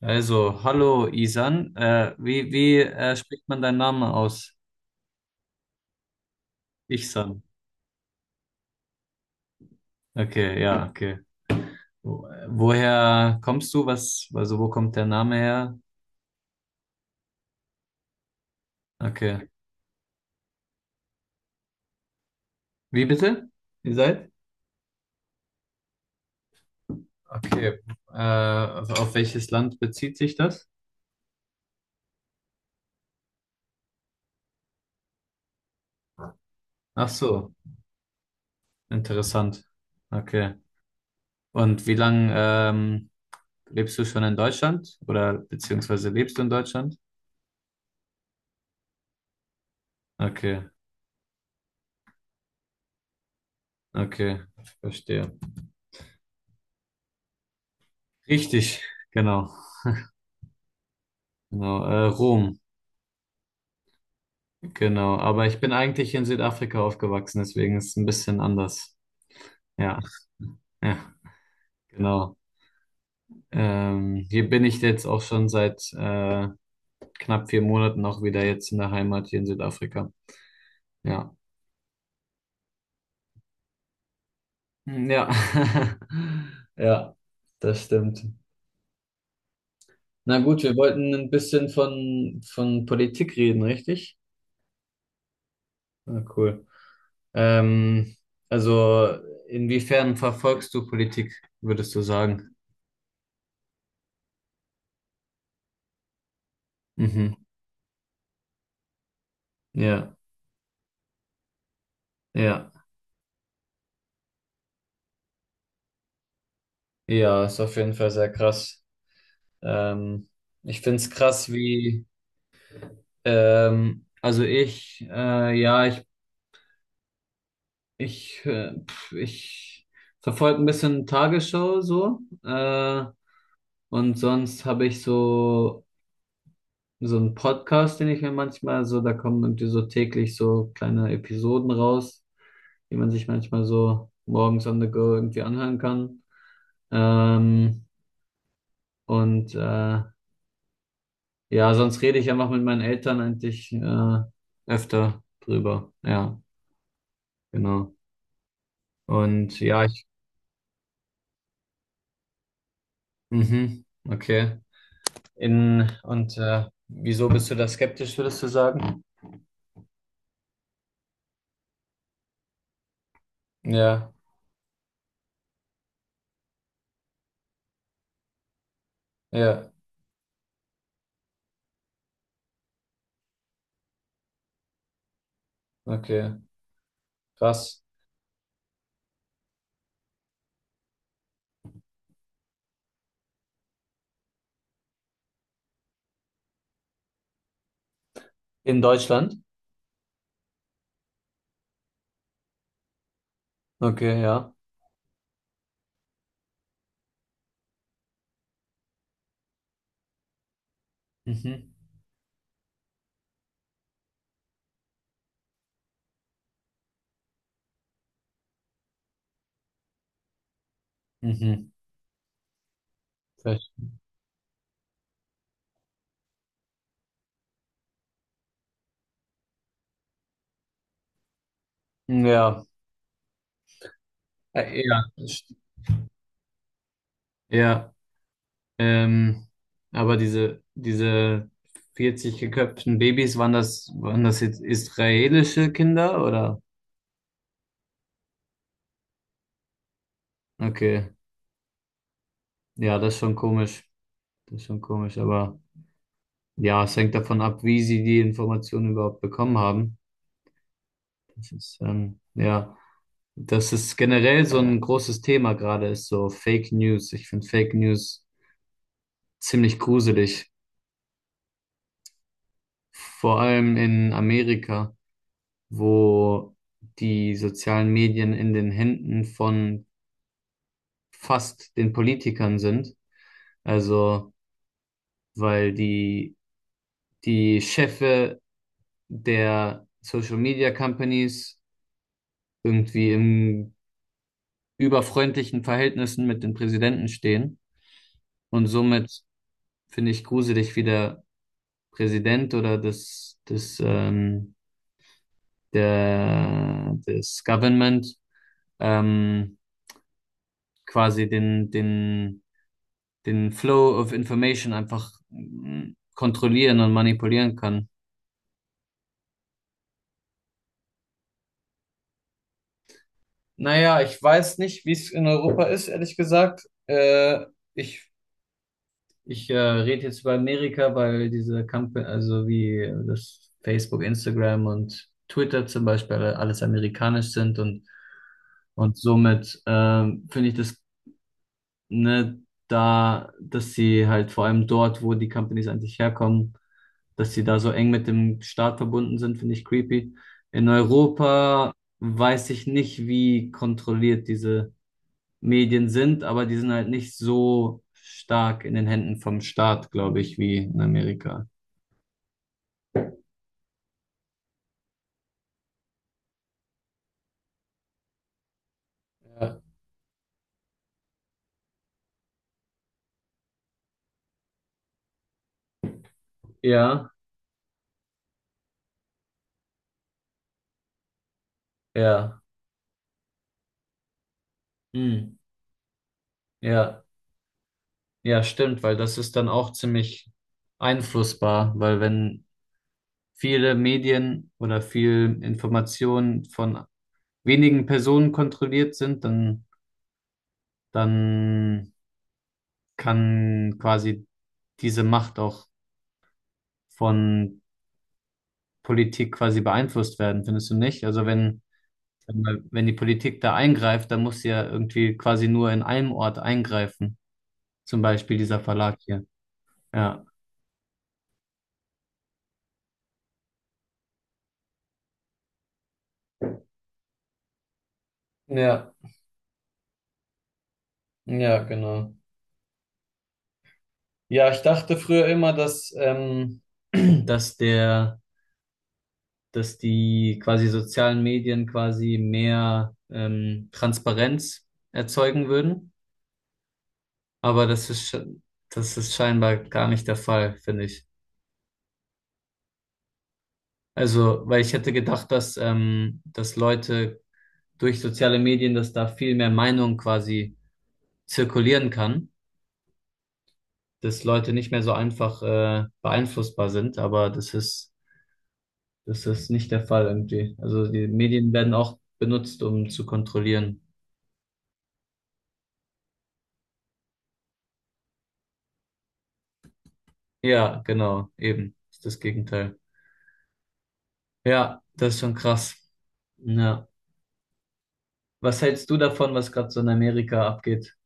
Also, hallo Isan. Wie spricht man deinen Namen aus? Ichsan. Okay, ja, okay. Woher kommst du? Also wo kommt der Name her? Okay. Wie bitte? Ihr seid? Okay. Äh, auf welches Land bezieht sich das? Ach so, interessant. Okay. Und wie lange lebst du schon in Deutschland? Oder beziehungsweise lebst du in Deutschland? Okay, okay, verstehe. Richtig, genau. Genau, Rom. Genau, aber ich bin eigentlich in Südafrika aufgewachsen, deswegen ist es ein bisschen anders. Ja, ja, genau. Hier bin ich jetzt auch schon seit knapp 4 Monaten auch wieder jetzt in der Heimat hier in Südafrika. Ja, hm, ja, ja, das stimmt. Na gut, wir wollten ein bisschen von Politik reden, richtig? Ah, cool. Ähm, also, inwiefern verfolgst du Politik, würdest du sagen? Mhm. Ja, ja. Ja, ist auf jeden Fall sehr krass. Ähm, Ich finde es krass, wie, also ich, ja, ich, pf, ich verfolge ein bisschen Tagesschau so, und sonst habe ich so einen Podcast, den ich mir manchmal so, da kommen irgendwie so täglich so kleine Episoden raus, die man sich manchmal so morgens on the go irgendwie anhören kann. Ähm, und äh, Ja, sonst rede ich einfach mit meinen Eltern eigentlich öfter drüber. Ja, genau. Und ja, ich, mhm, okay. In, und Wieso bist du da skeptisch, würdest du sagen? Ja, ja, okay. Krass. In Deutschland? Okay, ja. Mhm, mhm. Verste- Ja, ja, ja. Ähm, aber diese 40 geköpften Babys, waren das jetzt israelische Kinder oder? Okay, ja, das ist schon komisch. Das ist schon komisch, aber ja, es hängt davon ab, wie sie die Informationen überhaupt bekommen haben. Ja, das ist generell so ein großes Thema gerade, ist so Fake News. Ich finde Fake News ziemlich gruselig. Vor allem in Amerika, wo die sozialen Medien in den Händen von fast den Politikern sind. Also, weil die Chefe der Social Media Companies irgendwie im überfreundlichen Verhältnissen mit den Präsidenten stehen. Und somit finde ich gruselig, wie der Präsident oder das Government ähm, quasi den Flow of Information einfach kontrollieren und manipulieren kann. Naja, ich weiß nicht, wie es in Europa ist, ehrlich gesagt. Ich Ich rede jetzt über Amerika, weil diese Company, also wie das Facebook, Instagram und Twitter zum Beispiel alles amerikanisch sind, und somit finde ich das, ne, dass sie halt vor allem dort, wo die Companies eigentlich herkommen, dass sie da so eng mit dem Staat verbunden sind, finde ich creepy. In Europa weiß ich nicht, wie kontrolliert diese Medien sind, aber die sind halt nicht so stark in den Händen vom Staat, glaube ich, wie in Amerika. Ja, ja, ja, hm, ja, ja, stimmt, weil das ist dann auch ziemlich einflussbar, weil wenn viele Medien oder viel Information von wenigen Personen kontrolliert sind, dann kann quasi diese Macht auch von Politik quasi beeinflusst werden, findest du nicht? Wenn die Politik da eingreift, dann muss sie ja irgendwie quasi nur in einem Ort eingreifen. Zum Beispiel dieser Verlag hier. Ja. Ja, ja, genau. Ja, ich dachte früher immer, Dass der, dass die quasi sozialen Medien quasi mehr Transparenz erzeugen würden. Aber das ist scheinbar gar nicht der Fall, finde ich. Also, weil ich hätte gedacht, dass Leute durch soziale Medien, dass da viel mehr Meinung quasi zirkulieren kann, dass Leute nicht mehr so einfach beeinflussbar sind, aber das ist nicht der Fall irgendwie. Also die Medien werden auch benutzt, um zu kontrollieren. Ja, genau, eben, ist das Gegenteil. Ja, das ist schon krass. Ja. Was hältst du davon, was gerade so in Amerika abgeht?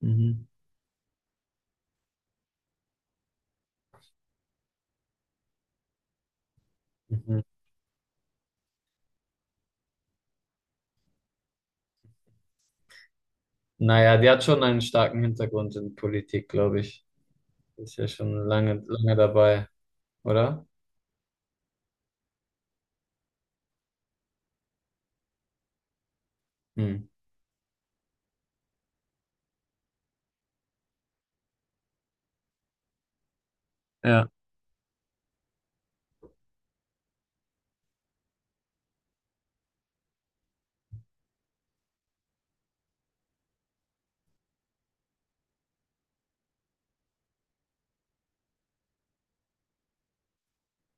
Mhm. Mhm. Naja, die hat schon einen starken Hintergrund in Politik, glaube ich. Ist ja schon lange, lange dabei, oder? Hm. Ja,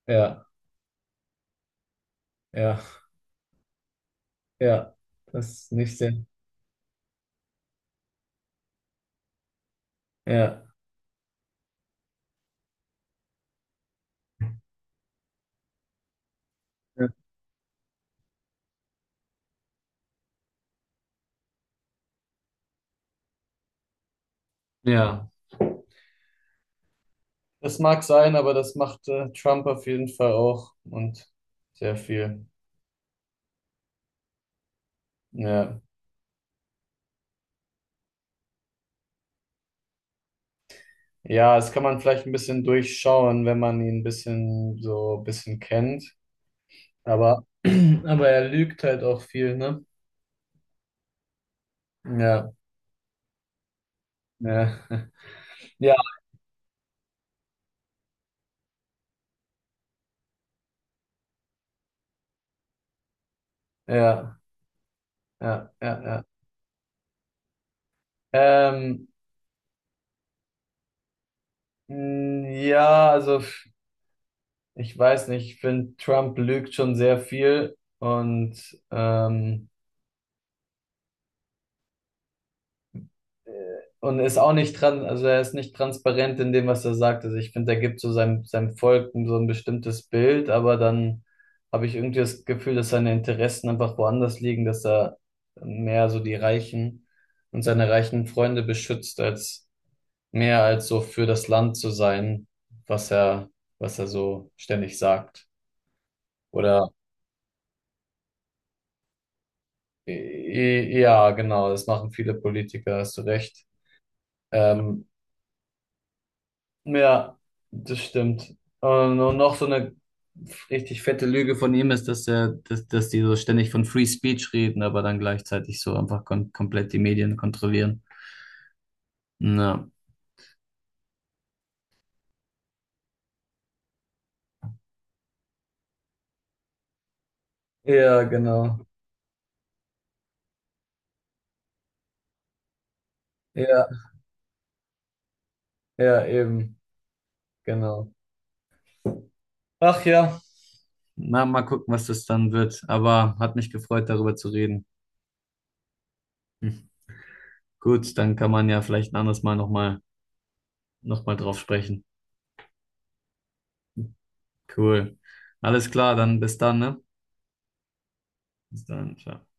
ja, ja, ja. Das ist nicht sehr. Ja. Ja. Ja, das mag sein, aber das macht Trump auf jeden Fall auch und sehr viel. Ja. Ja, das kann man vielleicht ein bisschen durchschauen, wenn man ihn ein bisschen so ein bisschen kennt. Aber, aber er lügt halt auch viel, ne? Ja, ja. Ja, ja, ja, ja, ja. Ähm, ja, also. Ich weiß nicht, ich finde, Trump lügt schon sehr viel ähm, äh, und ist auch nicht dran, also er ist nicht transparent in dem, was er sagt. Also ich finde, er gibt so seinem Volk so ein bestimmtes Bild, aber dann habe ich irgendwie das Gefühl, dass seine Interessen einfach woanders liegen, dass er mehr so die Reichen und seine reichen Freunde beschützt, als mehr als so für das Land zu sein, was er, was er so ständig sagt. Oder? Ja, genau, das machen viele Politiker, hast du recht. Ähm, ja, das stimmt. Und noch so eine richtig fette Lüge von ihm ist, dass die so ständig von Free Speech reden, aber dann gleichzeitig so einfach kon komplett die Medien kontrollieren. Ja. Ja, genau. Ja, ja, eben, genau. Ach ja. Na, mal gucken, was das dann wird. Aber hat mich gefreut, darüber zu reden. Hm. Gut, dann kann man ja vielleicht ein anderes Mal noch mal drauf sprechen. Cool. Alles klar, dann bis dann, ne? Bis dann. Ciao.